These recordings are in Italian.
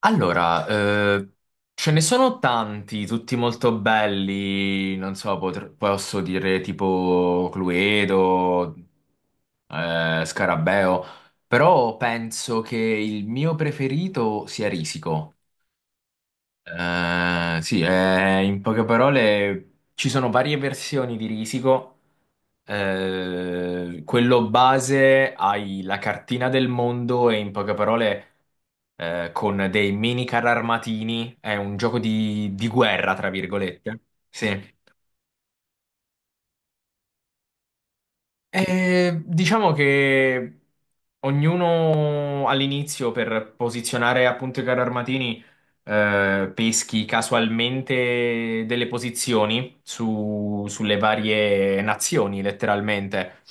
Allora, ce ne sono tanti, tutti molto belli, non so, posso dire tipo Cluedo, Scarabeo, però penso che il mio preferito sia Risico. Sì, in poche parole ci sono varie versioni di Risico. Quello base hai la cartina del mondo e in poche parole con dei mini carri armatini, è un gioco di guerra, tra virgolette. Sì. E diciamo che ognuno all'inizio per posizionare appunto i carri armatini peschi casualmente delle posizioni sulle varie nazioni, letteralmente.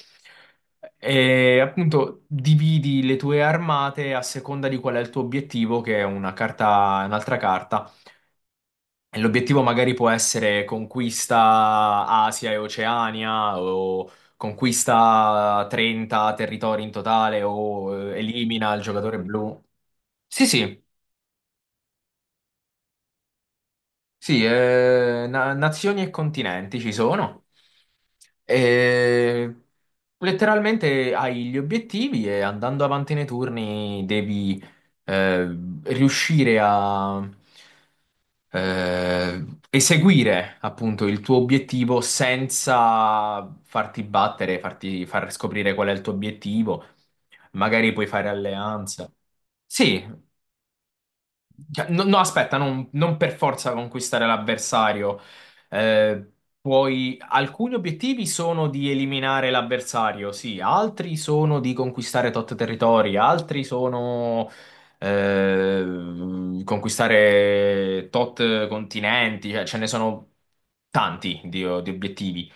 E appunto dividi le tue armate a seconda di qual è il tuo obiettivo, che è una carta, un'altra carta. L'obiettivo magari può essere conquista Asia e Oceania o conquista 30 territori in totale o elimina il giocatore blu. Sì, sì, sì, nazioni e continenti ci sono. E letteralmente hai gli obiettivi e andando avanti nei turni devi eh, riuscire a eh, eseguire appunto il tuo obiettivo senza farti battere, farti far scoprire qual è il tuo obiettivo, magari puoi fare alleanza. Sì, cioè, no, no, aspetta, non per forza conquistare l'avversario. Eh, Alcuni obiettivi sono di eliminare l'avversario, sì, altri sono di conquistare tot territori, altri sono conquistare tot continenti, cioè, ce ne sono tanti di obiettivi.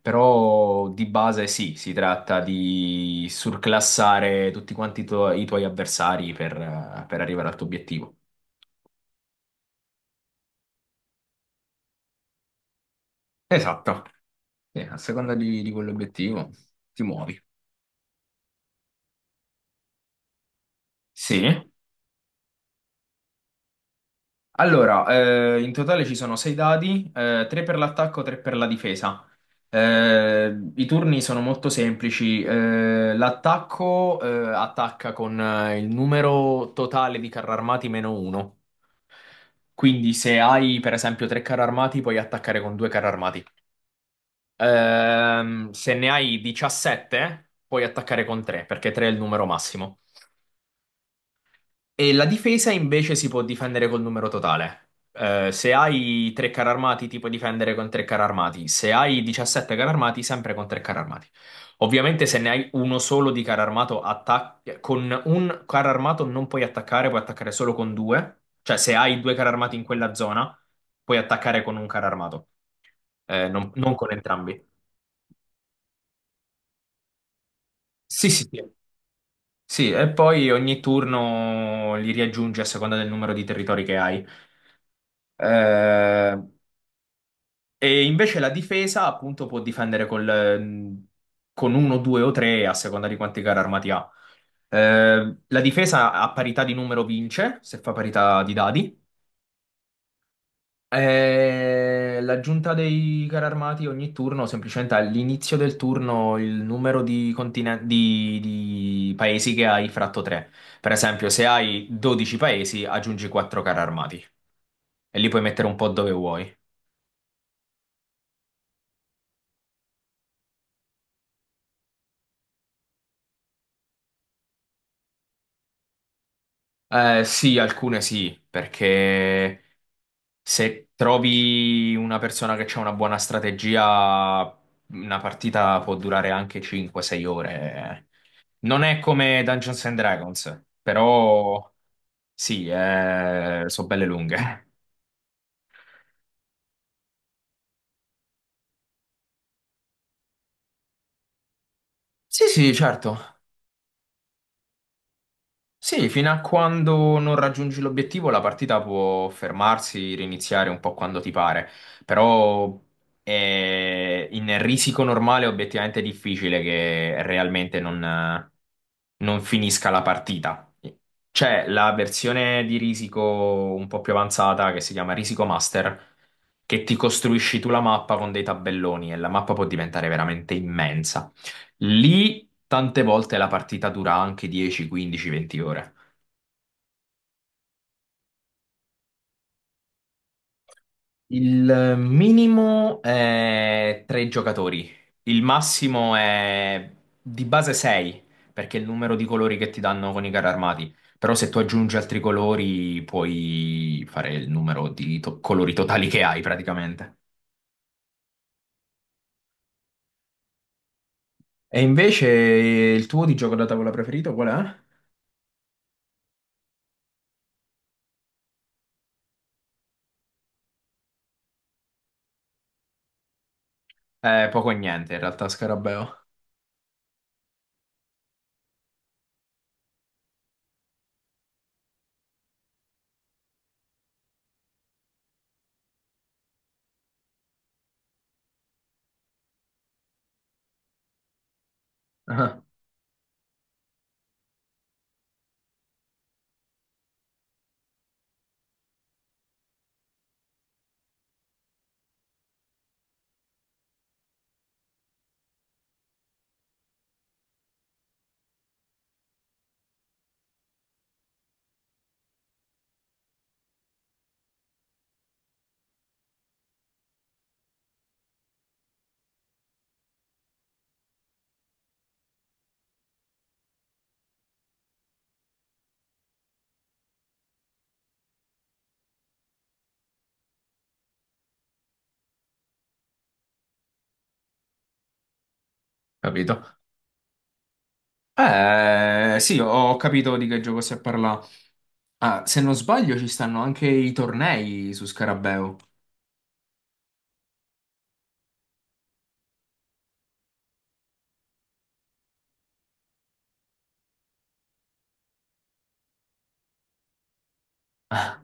Però di base sì, si tratta di surclassare tutti quanti i tuoi avversari per arrivare al tuo obiettivo. Esatto. Sì, a seconda di quell'obiettivo ti muovi. Sì. Allora, in totale ci sono sei dadi, tre per l'attacco, tre per la difesa. I turni sono molto semplici. L'attacco, attacca con il numero totale di carri armati meno uno. Quindi se hai per esempio tre carri armati, puoi attaccare con due carri armati. Se ne hai 17, puoi attaccare con tre, perché tre è il numero massimo. E la difesa invece si può difendere col numero totale. Se hai 3 carri armati, ti puoi difendere con 3 carri armati. Se hai 17 carri armati, sempre con 3 carri armati. Ovviamente, se ne hai uno solo di carro armato, con un carro armato non puoi attaccare, puoi attaccare solo con due. Cioè, se hai due carri armati in quella zona, puoi attaccare con un carro armato. Non con entrambi. Sì, sì, sì. Sì, e poi ogni turno li riaggiungi a seconda del numero di territori che hai. Eh, E invece la difesa, appunto, può difendere con uno, due o tre a seconda di quanti carri armati ha. La difesa a parità di numero vince, se fa parità di dadi. L'aggiunta dei carri armati ogni turno, semplicemente all'inizio del turno, il numero di paesi che hai fratto 3. Per esempio, se hai 12 paesi, aggiungi 4 carri armati e li puoi mettere un po' dove vuoi. Sì, alcune sì, perché. Se trovi una persona che ha una buona strategia, una partita può durare anche 5-6 ore. Non è come Dungeons and Dragons, però sì, sono belle lunghe. Sì, sì, certo. Sì, fino a quando non raggiungi l'obiettivo la partita può fermarsi, riniziare un po' quando ti pare, però in risico normale è obiettivamente difficile che realmente non finisca la partita. C'è la versione di risico un po' più avanzata che si chiama Risico Master, che ti costruisci tu la mappa con dei tabelloni e la mappa può diventare veramente immensa. Lì tante volte la partita dura anche 10, 15, 20 ore. Il minimo è tre giocatori, il massimo è di base 6, perché è il numero di colori che ti danno con i carri armati. Però se tu aggiungi altri colori puoi fare il numero di colori totali che hai praticamente. E invece il tuo di gioco da tavola preferito qual è? Poco e niente in realtà, Scarabeo. Ah, capito. Sì, ho capito di che gioco si parla. Ah, se non sbaglio ci stanno anche i tornei su Scarabeo. Ah,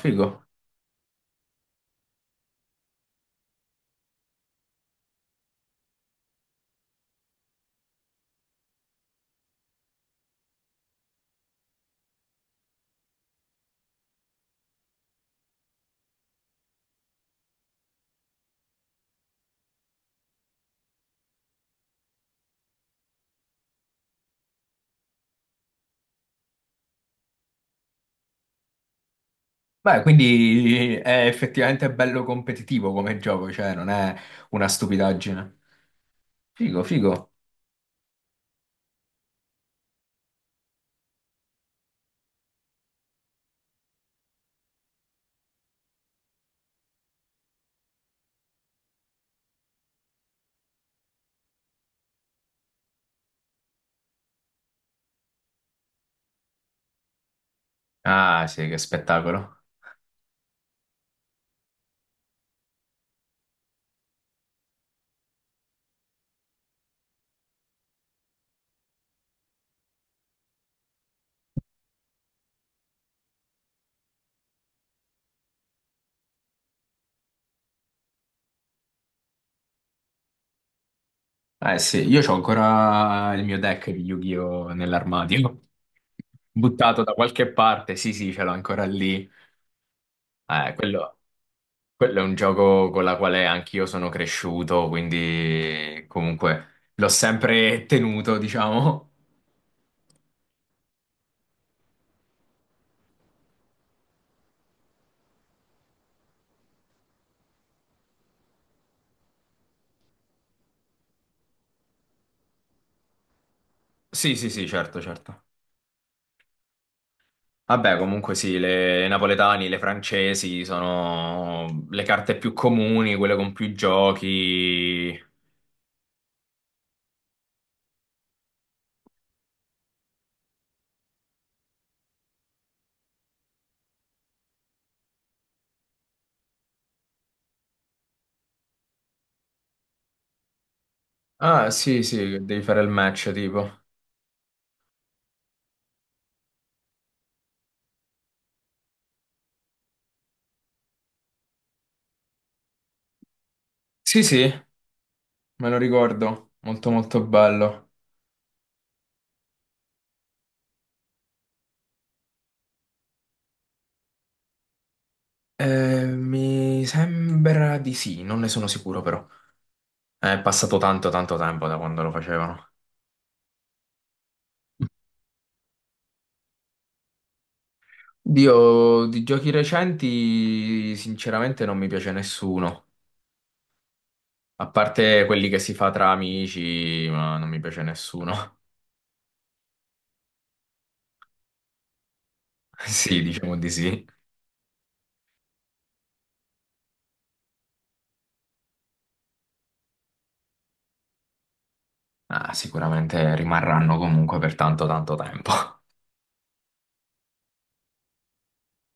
figo. Beh, quindi è effettivamente bello competitivo come gioco, cioè non è una stupidaggine. Figo, figo. Ah, sì, che spettacolo. Eh sì, io ho ancora il mio deck di Yu-Gi-Oh! Nell'armadio, buttato da qualche parte. Sì, sì, ce l'ho ancora lì. Eh, quello, quello è un gioco con la quale anch'io sono cresciuto, quindi comunque l'ho sempre tenuto, diciamo. Sì, sì, sì, certo, certo. Vabbè, comunque sì, le napoletani, le francesi sono le carte più comuni, quelle con più giochi. Ah, sì, sì, devi fare il match, tipo. Sì, sì, me lo ricordo. Molto, molto bello. Mi sembra di sì, non ne sono sicuro però. È passato tanto, tanto tempo da quando lo facevano. Dio, di giochi recenti, sinceramente non mi piace nessuno. A parte quelli che si fa tra amici, ma non mi piace nessuno. Sì, diciamo di sì. Ah, sicuramente rimarranno comunque per tanto tanto tempo.